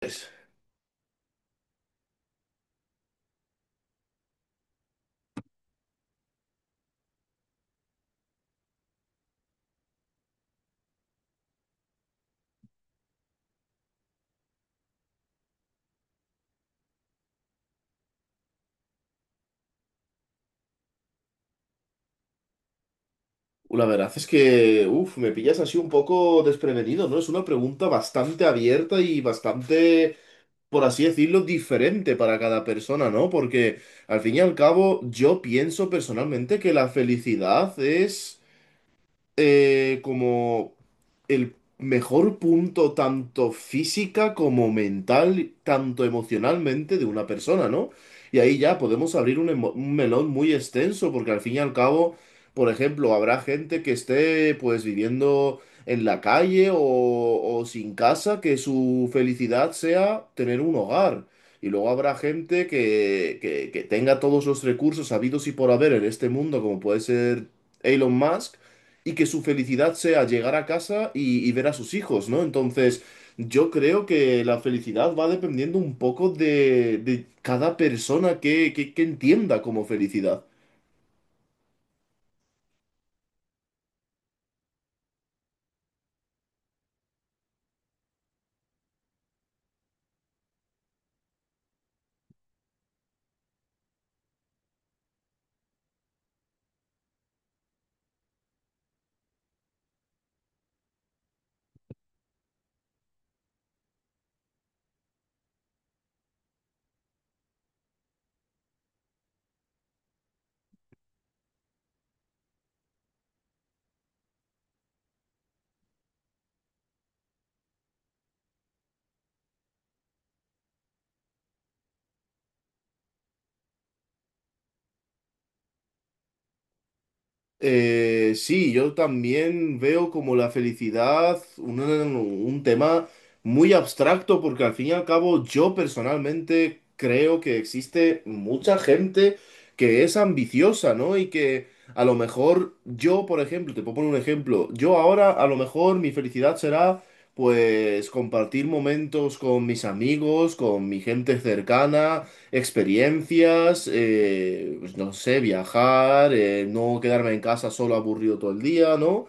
Pues, la verdad es que, uff, me pillas así un poco desprevenido, ¿no? Es una pregunta bastante abierta y bastante, por así decirlo, diferente para cada persona, ¿no? Porque al fin y al cabo, yo pienso personalmente que la felicidad es como el mejor punto tanto física como mental, tanto emocionalmente de una persona, ¿no? Y ahí ya podemos abrir un melón muy extenso, porque al fin y al cabo, por ejemplo, habrá gente que esté pues viviendo en la calle o sin casa, que su felicidad sea tener un hogar. Y luego habrá gente que tenga todos los recursos habidos y por haber en este mundo, como puede ser Elon Musk, y que su felicidad sea llegar a casa y ver a sus hijos, ¿no? Entonces, yo creo que la felicidad va dependiendo un poco de cada persona que entienda como felicidad. Sí, yo también veo como la felicidad un tema muy abstracto porque al fin y al cabo yo personalmente creo que existe mucha gente que es ambiciosa, ¿no? Y que a lo mejor yo, por ejemplo, te puedo poner un ejemplo, yo ahora a lo mejor mi felicidad será pues compartir momentos con mis amigos, con mi gente cercana, experiencias, pues no sé, viajar, no quedarme en casa solo aburrido todo el día, ¿no?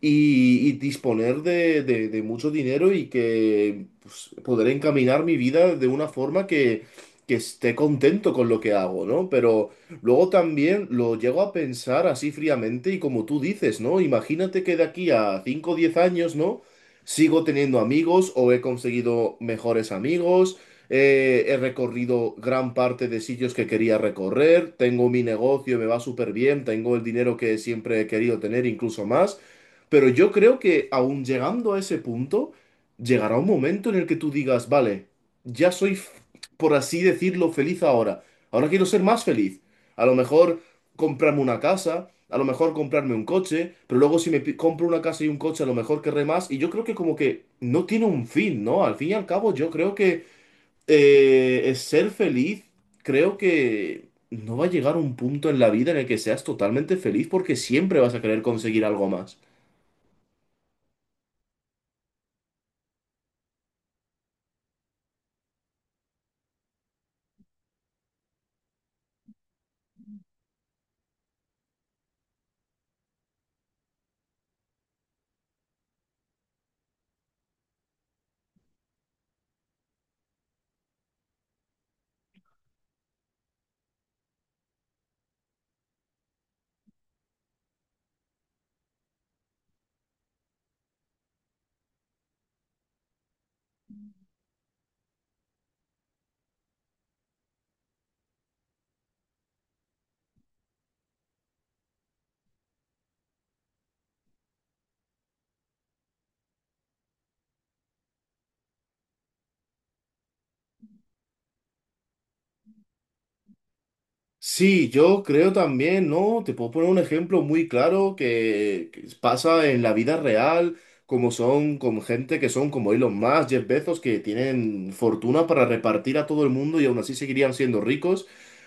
Y disponer de mucho dinero y que pues, poder encaminar mi vida de una forma que esté contento con lo que hago, ¿no? Pero luego también lo llego a pensar así fríamente y como tú dices, ¿no? Imagínate que de aquí a 5 o 10 años, ¿no? Sigo teniendo amigos o he conseguido mejores amigos, he recorrido gran parte de sitios que quería recorrer, tengo mi negocio, me va súper bien, tengo el dinero que siempre he querido tener, incluso más, pero yo creo que aún llegando a ese punto, llegará un momento en el que tú digas, vale, ya soy, por así decirlo, feliz ahora, ahora quiero ser más feliz, a lo mejor comprarme una casa. A lo mejor comprarme un coche, pero luego si me compro una casa y un coche, a lo mejor querré más. Y yo creo que como que no tiene un fin, ¿no? Al fin y al cabo, yo creo que es ser feliz, creo que no va a llegar un punto en la vida en el que seas totalmente feliz porque siempre vas a querer conseguir algo más. Sí, yo creo también, ¿no? Te puedo poner un ejemplo muy claro que pasa en la vida real, como son con gente que son como Elon Musk, Jeff Bezos, que tienen fortuna para repartir a todo el mundo y aún así seguirían siendo ricos.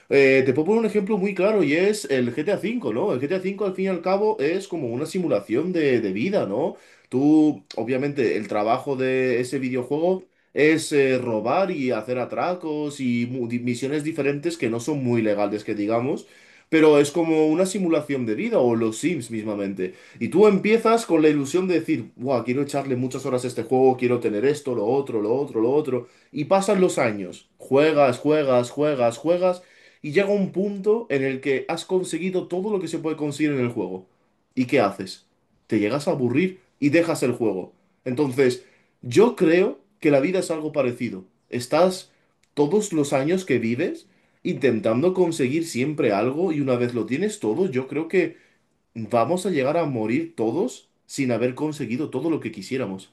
Te puedo poner un ejemplo muy claro y es el GTA V, ¿no? El GTA V al fin y al cabo es como una simulación de vida, ¿no? Tú, obviamente, el trabajo de ese videojuego es robar y hacer atracos y misiones diferentes que no son muy legales, que digamos, pero es como una simulación de vida o los Sims mismamente. Y tú empiezas con la ilusión de decir, wow, quiero echarle muchas horas a este juego, quiero tener esto, lo otro, lo otro, lo otro. Y pasan los años, juegas, juegas, juegas, juegas, y llega un punto en el que has conseguido todo lo que se puede conseguir en el juego. ¿Y qué haces? Te llegas a aburrir y dejas el juego. Entonces, yo creo que la vida es algo parecido. Estás todos los años que vives intentando conseguir siempre algo y una vez lo tienes todo, yo creo que vamos a llegar a morir todos sin haber conseguido todo lo que quisiéramos.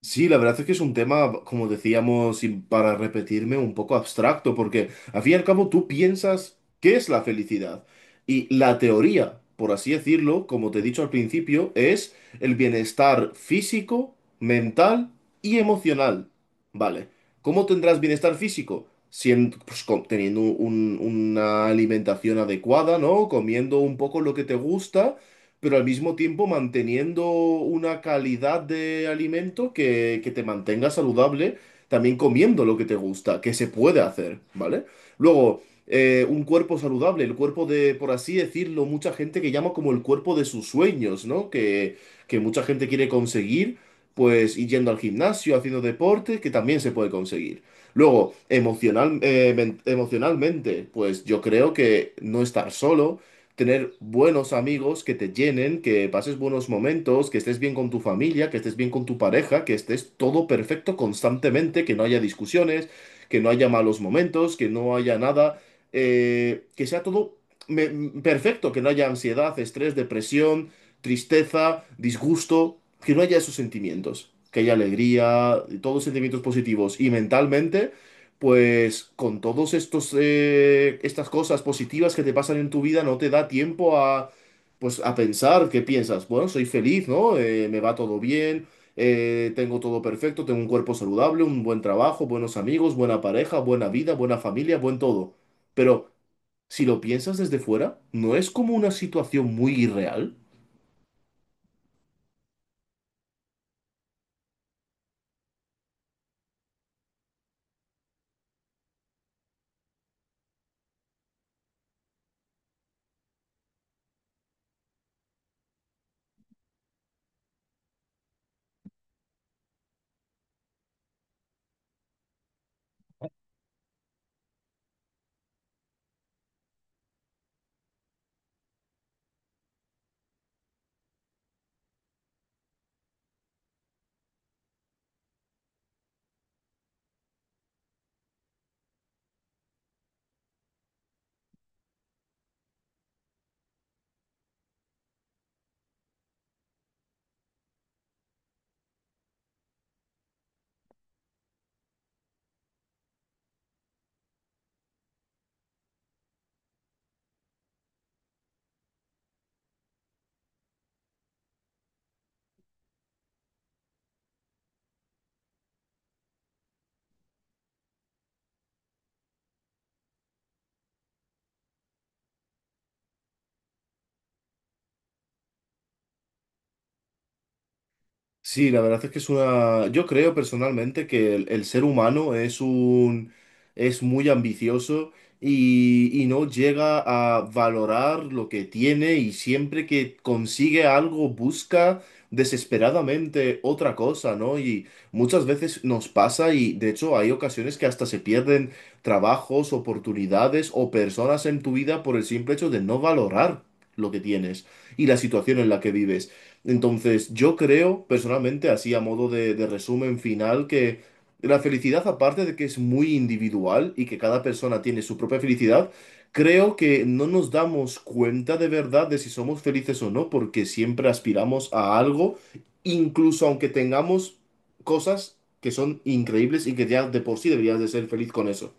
Sí, la verdad es que es un tema, como decíamos, y para repetirme, un poco abstracto, porque al fin y al cabo tú piensas qué es la felicidad. Y la teoría, por así decirlo, como te he dicho al principio, es el bienestar físico, mental y emocional. Vale. ¿Cómo tendrás bienestar físico? Siendo, pues, teniendo una alimentación adecuada, ¿no? Comiendo un poco lo que te gusta pero al mismo tiempo manteniendo una calidad de alimento que te mantenga saludable, también comiendo lo que te gusta, que se puede hacer, ¿vale? Luego, un cuerpo saludable, el cuerpo de, por así decirlo, mucha gente que llama como el cuerpo de sus sueños, ¿no? Que mucha gente quiere conseguir, pues y yendo al gimnasio, haciendo deporte, que también se puede conseguir. Luego, emocional, emocionalmente, pues yo creo que no estar solo, tener buenos amigos que te llenen, que pases buenos momentos, que estés bien con tu familia, que estés bien con tu pareja, que estés todo perfecto constantemente, que no haya discusiones, que no haya malos momentos, que no haya nada, que sea todo me- perfecto, que no haya ansiedad, estrés, depresión, tristeza, disgusto, que no haya esos sentimientos, que haya alegría, todos sentimientos positivos y mentalmente pues con todos estos estas cosas positivas que te pasan en tu vida no te da tiempo a pues a pensar qué piensas. Bueno, soy feliz, ¿no? Me va todo bien, tengo todo perfecto, tengo un cuerpo saludable, un buen trabajo, buenos amigos, buena pareja, buena vida, buena familia, buen todo. Pero si lo piensas desde fuera, ¿no es como una situación muy irreal? Sí, la verdad es que es una. Yo creo personalmente que el ser humano es un. Es muy ambicioso y no llega a valorar lo que tiene y siempre que consigue algo busca desesperadamente otra cosa, ¿no? Y muchas veces nos pasa y de hecho hay ocasiones que hasta se pierden trabajos, oportunidades o personas en tu vida por el simple hecho de no valorar lo que tienes y la situación en la que vives. Entonces, yo creo, personalmente, así a modo de resumen final, que la felicidad, aparte de que es muy individual y que cada persona tiene su propia felicidad, creo que no nos damos cuenta de verdad de si somos felices o no, porque siempre aspiramos a algo, incluso aunque tengamos cosas que son increíbles y que ya de por sí deberías de ser feliz con eso.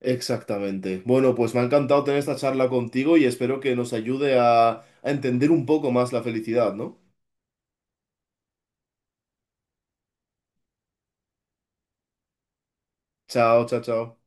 Exactamente. Bueno, pues me ha encantado tener esta charla contigo y espero que nos ayude a entender un poco más la felicidad, ¿no? Chao, chao, chao.